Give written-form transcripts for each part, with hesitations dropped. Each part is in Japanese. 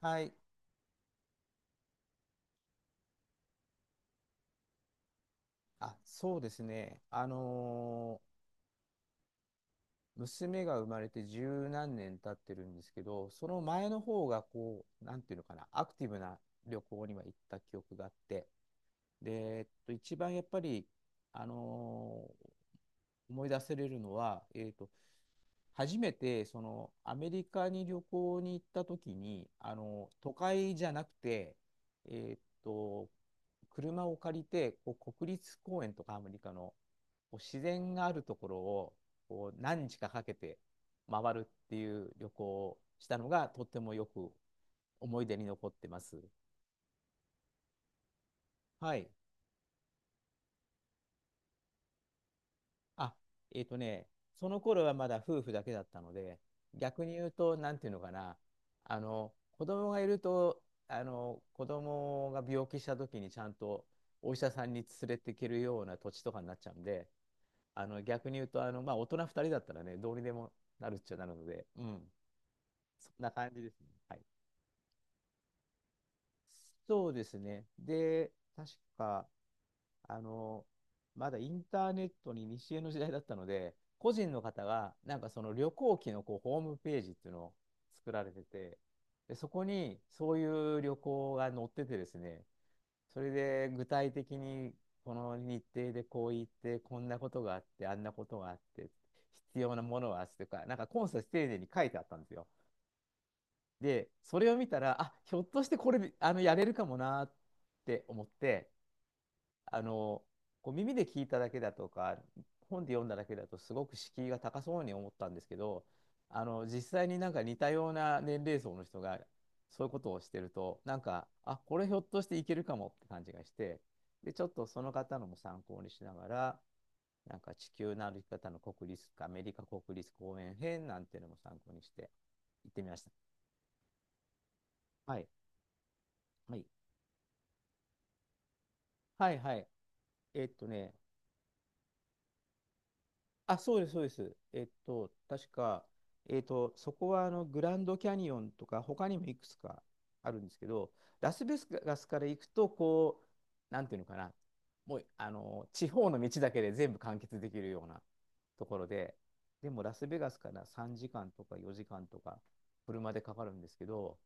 はい。あ、そうですね。娘が生まれて十何年経ってるんですけど、その前の方がこう、なんていうのかな、アクティブな旅行には行った記憶があって、で、一番やっぱり、あのー思い出せれるのは、初めてそのアメリカに旅行に行った時に、あの都会じゃなくて、えっと、車を借りてこう国立公園とかアメリカのこう自然があるところをこう何日かかけて回るっていう旅行をしたのがとってもよく思い出に残ってます。はい。あ、えっとね、その頃はまだ夫婦だけだったので、逆に言うと、なんていうのかな、あの、子供がいると、あの、子供が病気した時にちゃんとお医者さんに連れていけるような土地とかになっちゃうんで、あの、逆に言うと、あの、まあ、大人2人だったらね、どうにでもなるっちゃなるので、うん、そんな感じですね。はい。そうですね。で、確か、あの、まだインターネットに西江の時代だったので、個人の方が、なんかその旅行記のこうホームページっていうのを作られてて、で、そこにそういう旅行が載っててですね、それで具体的にこの日程でこう行って、こんなことがあって、あんなことがあって、必要なものはあってとか、なんかコンサス丁寧に書いてあったんですよ。で、それを見たら、あ、ひょっとしてこれ、あの、やれるかもなって思って、あの、こう耳で聞いただけだとか、本で読んだだけだと、すごく敷居が高そうに思ったんですけど、あの、実際になんか似たような年齢層の人が、そういうことをしてると、なんか、あ、これひょっとしていけるかもって感じがして、で、ちょっとその方のも参考にしながら、なんか地球の歩き方の国立、アメリカ国立公園編なんていうのも参考にして行ってみました。はい。はい。はいはい。えっとね、あ、そうです、そうです。えっと、確か、えっと、そこはあのグランドキャニオンとか、他にもいくつかあるんですけど、ラスベガスから行くと、こう、なんていうのかな、もう、あの、地方の道だけで全部完結できるようなところで、でもラスベガスから3時間とか4時間とか、車でかかるんですけど、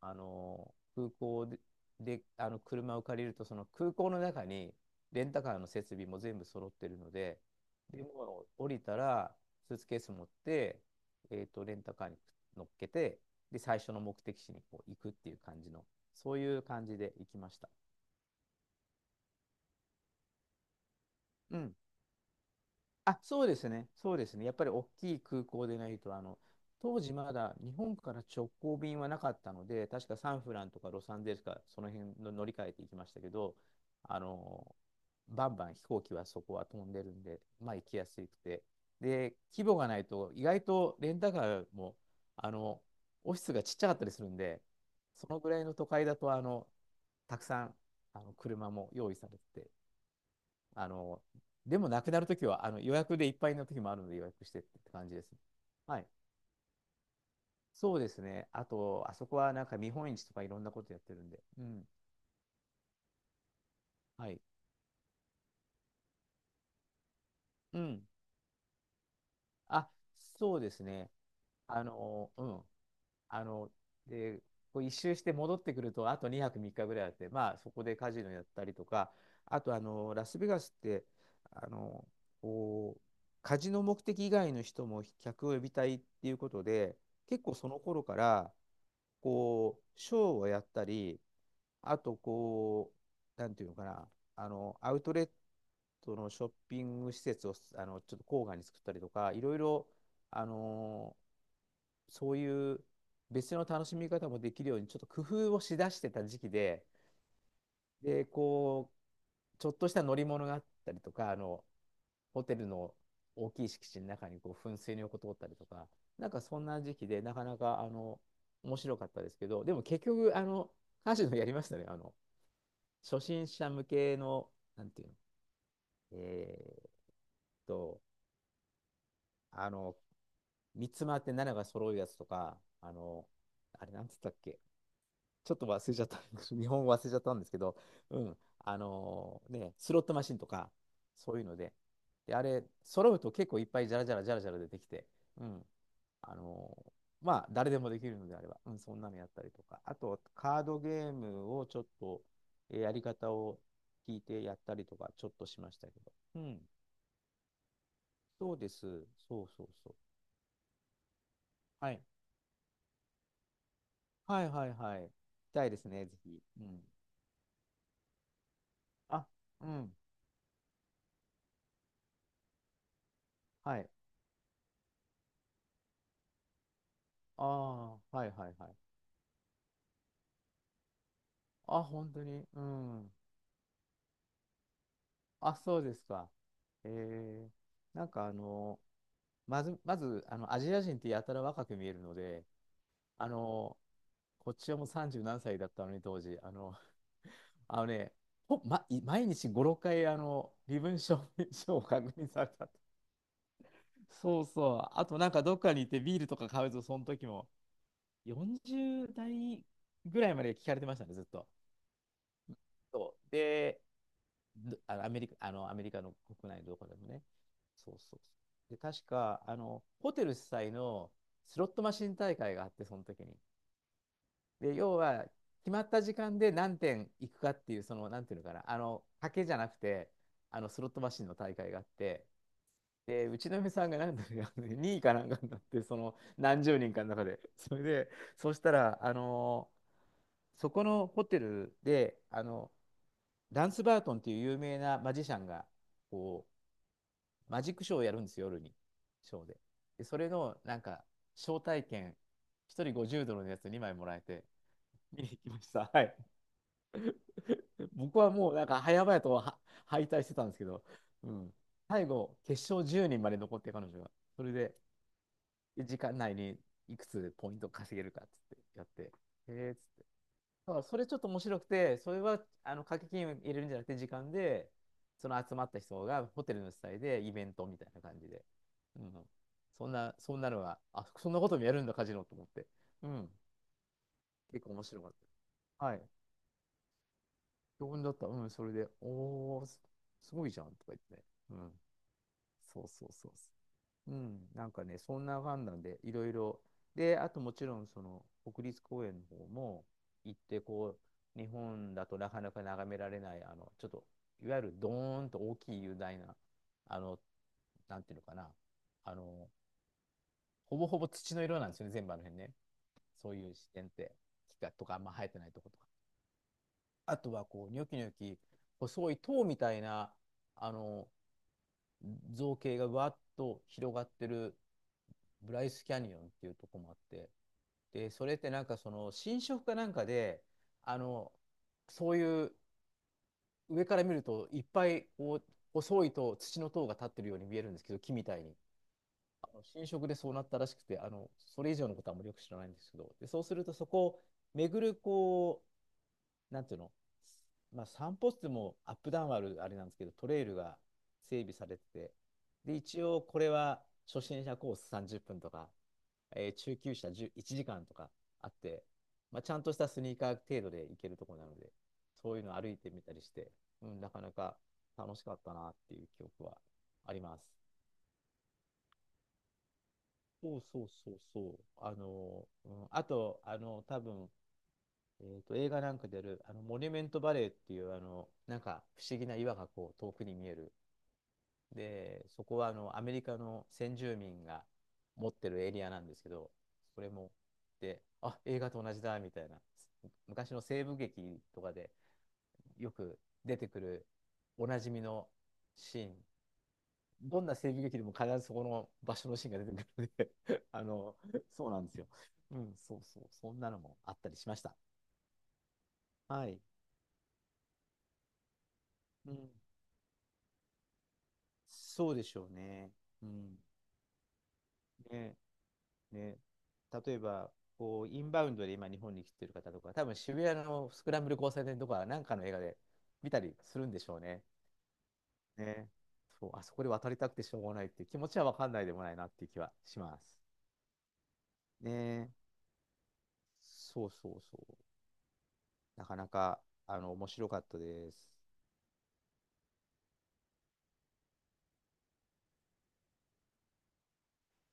あの、空港で、で、あの、車を借りると、その空港の中に、レンタカーの設備も全部揃ってるので、でもう降りたら、スーツケース持って、レンタカーに乗っけて、で、最初の目的地にこう行くっていう感じの、そういう感じで行きました。うん。あ、そうですね、そうですね。やっぱり大きい空港でないと、あの、当時まだ日本から直行便はなかったので、確かサンフランとかロサンゼルスか、その辺の乗り換えていきましたけど、あの、バンバン飛行機はそこは飛んでるんで、まあ行きやすくて。で、規模がないと、意外とレンタカーも、あの、オフィスがちっちゃかったりするんで、そのぐらいの都会だと、あの、たくさん、あの、車も用意されてて、あの、でもなくなるときは、あの予約でいっぱいのときもあるので予約してって感じですね。はい。そうですね。あと、あそこはなんか見本市とかいろんなことやってるんで。うん。はい。うん。あ、そうですね。あの、うん。あの、で、こう一周して戻ってくると、あと2泊3日ぐらいあって、まあ、そこでカジノやったりとか、あと、あの、ラスベガスって、あの、こう、カジノ目的以外の人も客を呼びたいっていうことで、結構その頃から、こう、ショーをやったり、あと、こう、なんていうのかな、あの、アウトレットのショッピング施設を、あの、ちょっと郊外に作ったりとか、いろいろ、あの、そういう、別の楽しみ方もできるように、ちょっと工夫をしだしてた時期で、で、こう、ちょっとした乗り物があったりとか、あの、ホテルの大きい敷地の中にこう噴水の横通ったりとか、なんかそんな時期で、なかなか、あの、面白かったですけど、でも結局、あの、カジノやりましたね。あの、初心者向けの、なんていうの、えーっと、あの、三つ回って7が揃うやつとか、あの、あれなんつったっけ、ちょっと忘れちゃった。日本語忘れちゃったんですけど、うん。スロットマシンとか、そういうので。で、あれ、揃うと結構いっぱいじゃらじゃらじゃらじゃら出てきて、うん。あのーまあ、誰でもできるのであれば、うん、そんなのやったりとか。あと、カードゲームをちょっと、えーやり方を聞いてやったりとか、ちょっとしましたけど。うん。そうです。そうそうそう。はい。はいはいはい。したいですね、ぜひ。うん。あ、うん。はい。ああ、はいはいはい。あ、本当に。うん。あ、そうですか。えー、なんかあの、まず、あの、アジア人ってやたら若く見えるので、あの、こっちはもう30何歳だったのに、当時。あの、あのね、ほ、ま、い毎日5、6回、あの、身分証明書 を確認された。そうそう。あと、なんかどっかに行ってビールとか買うと、その時も、40代ぐらいまで聞かれてましたね、ずっと。そう。で、あのアメリカの国内のどこでもね。そうそうそうで、確か、あの、ホテル主催のスロットマシン大会があって、その時に。で、要は、決まった時間で何点行くかっていう、その、なんていうのかな、あの、賭けじゃなくて、あの、スロットマシンの大会があって、で、うちの嫁さんがなんだろう、2位かなんかになって、その、何十人かの中で。それで、そうしたら、あの、そこのホテルで、あの、ダンス・バートンっていう有名なマジシャンが、こマジックショーをやるんですよ、夜に。ショーで。で、それの、なんか、招待券、1人50ドルのやつ2枚もらえて、見に行きました。はい。僕はもう、なんか、早々とは敗退してたんですけど、うん。最後、決勝10人まで残って、彼女が。それで、時間内にいくつポイント稼げるかっつってやって、へえーっつってそうそれちょっと面白くて、それはあの掛け金を入れるんじゃなくて、時間で、その集まった人がホテルの主催でイベントみたいな感じで。うん。そんな、そんなのは、あ、そんなこともやるんだ、カジノと思って。うん。結構面白かった。はい。興奮だった。うん、それで、おー、すすごいじゃんとか言ってね。うん。そうそうそうそう。うん、なんかね、そんな感なんで、いろいろ。で、あともちろん、国立公園の方も行って、こう、日本だとなかなか眺められない、ちょっと、いわゆるドーンと大きい雄大な、あの、なんていうのかな、あの、ほぼほぼ土の色なんですよね、全部あの辺ね。そういう自然って、木がとかあんま生えてないとことか。あとは、こう、ニョキニョキ、細い塔みたいな、あの、造形がわっと広がってるブライスキャニオンっていうとこもあって、で、それってなんかその新色かなんかで、あの、そういう上から見るといっぱいこう細いと土の塔が立ってるように見えるんですけど、木みたいに。浸食でそうなったらしくて、それ以上のことはあんまりよく知らないんですけど、で、そうするとそこを巡るこう、なんていうの、まあ、散歩ってもアップダウンあるあれなんですけど、トレイルが整備されてて、で、一応これは初心者コース30分とか、中級者10 1時間とかあって、まあ、ちゃんとしたスニーカー程度で行けるところなので、そういうの歩いてみたりして、うん、なかなか楽しかったなっていう記憶はあります。そうそうそうそう。うん、あと、多分、映画なんかである、モニュメントバレーっていう、なんか不思議な岩がこう遠くに見えるで、そこはアメリカの先住民が持ってるエリアなんですけど、それも、で、あ、映画と同じだみたいな、昔の西部劇とかでよく出てくるおなじみのシーン、どんな西部劇でも必ずそこの場所のシーンが出てくるので そうなんですよ。うん、そうそう、そんなのもあったりしました。はい。うん、そうでしょうね。うん。ね、ね、例えば、こう、インバウンドで今日本に来てる方とか、多分渋谷のスクランブル交差点とか、なんかの映画で見たりするんでしょうね。ね。そう、あそこで渡りたくてしょうがないっていう気持ちは分かんないでもないなっていう気はします。ね。そうそうそう。なかなか、面白かったです。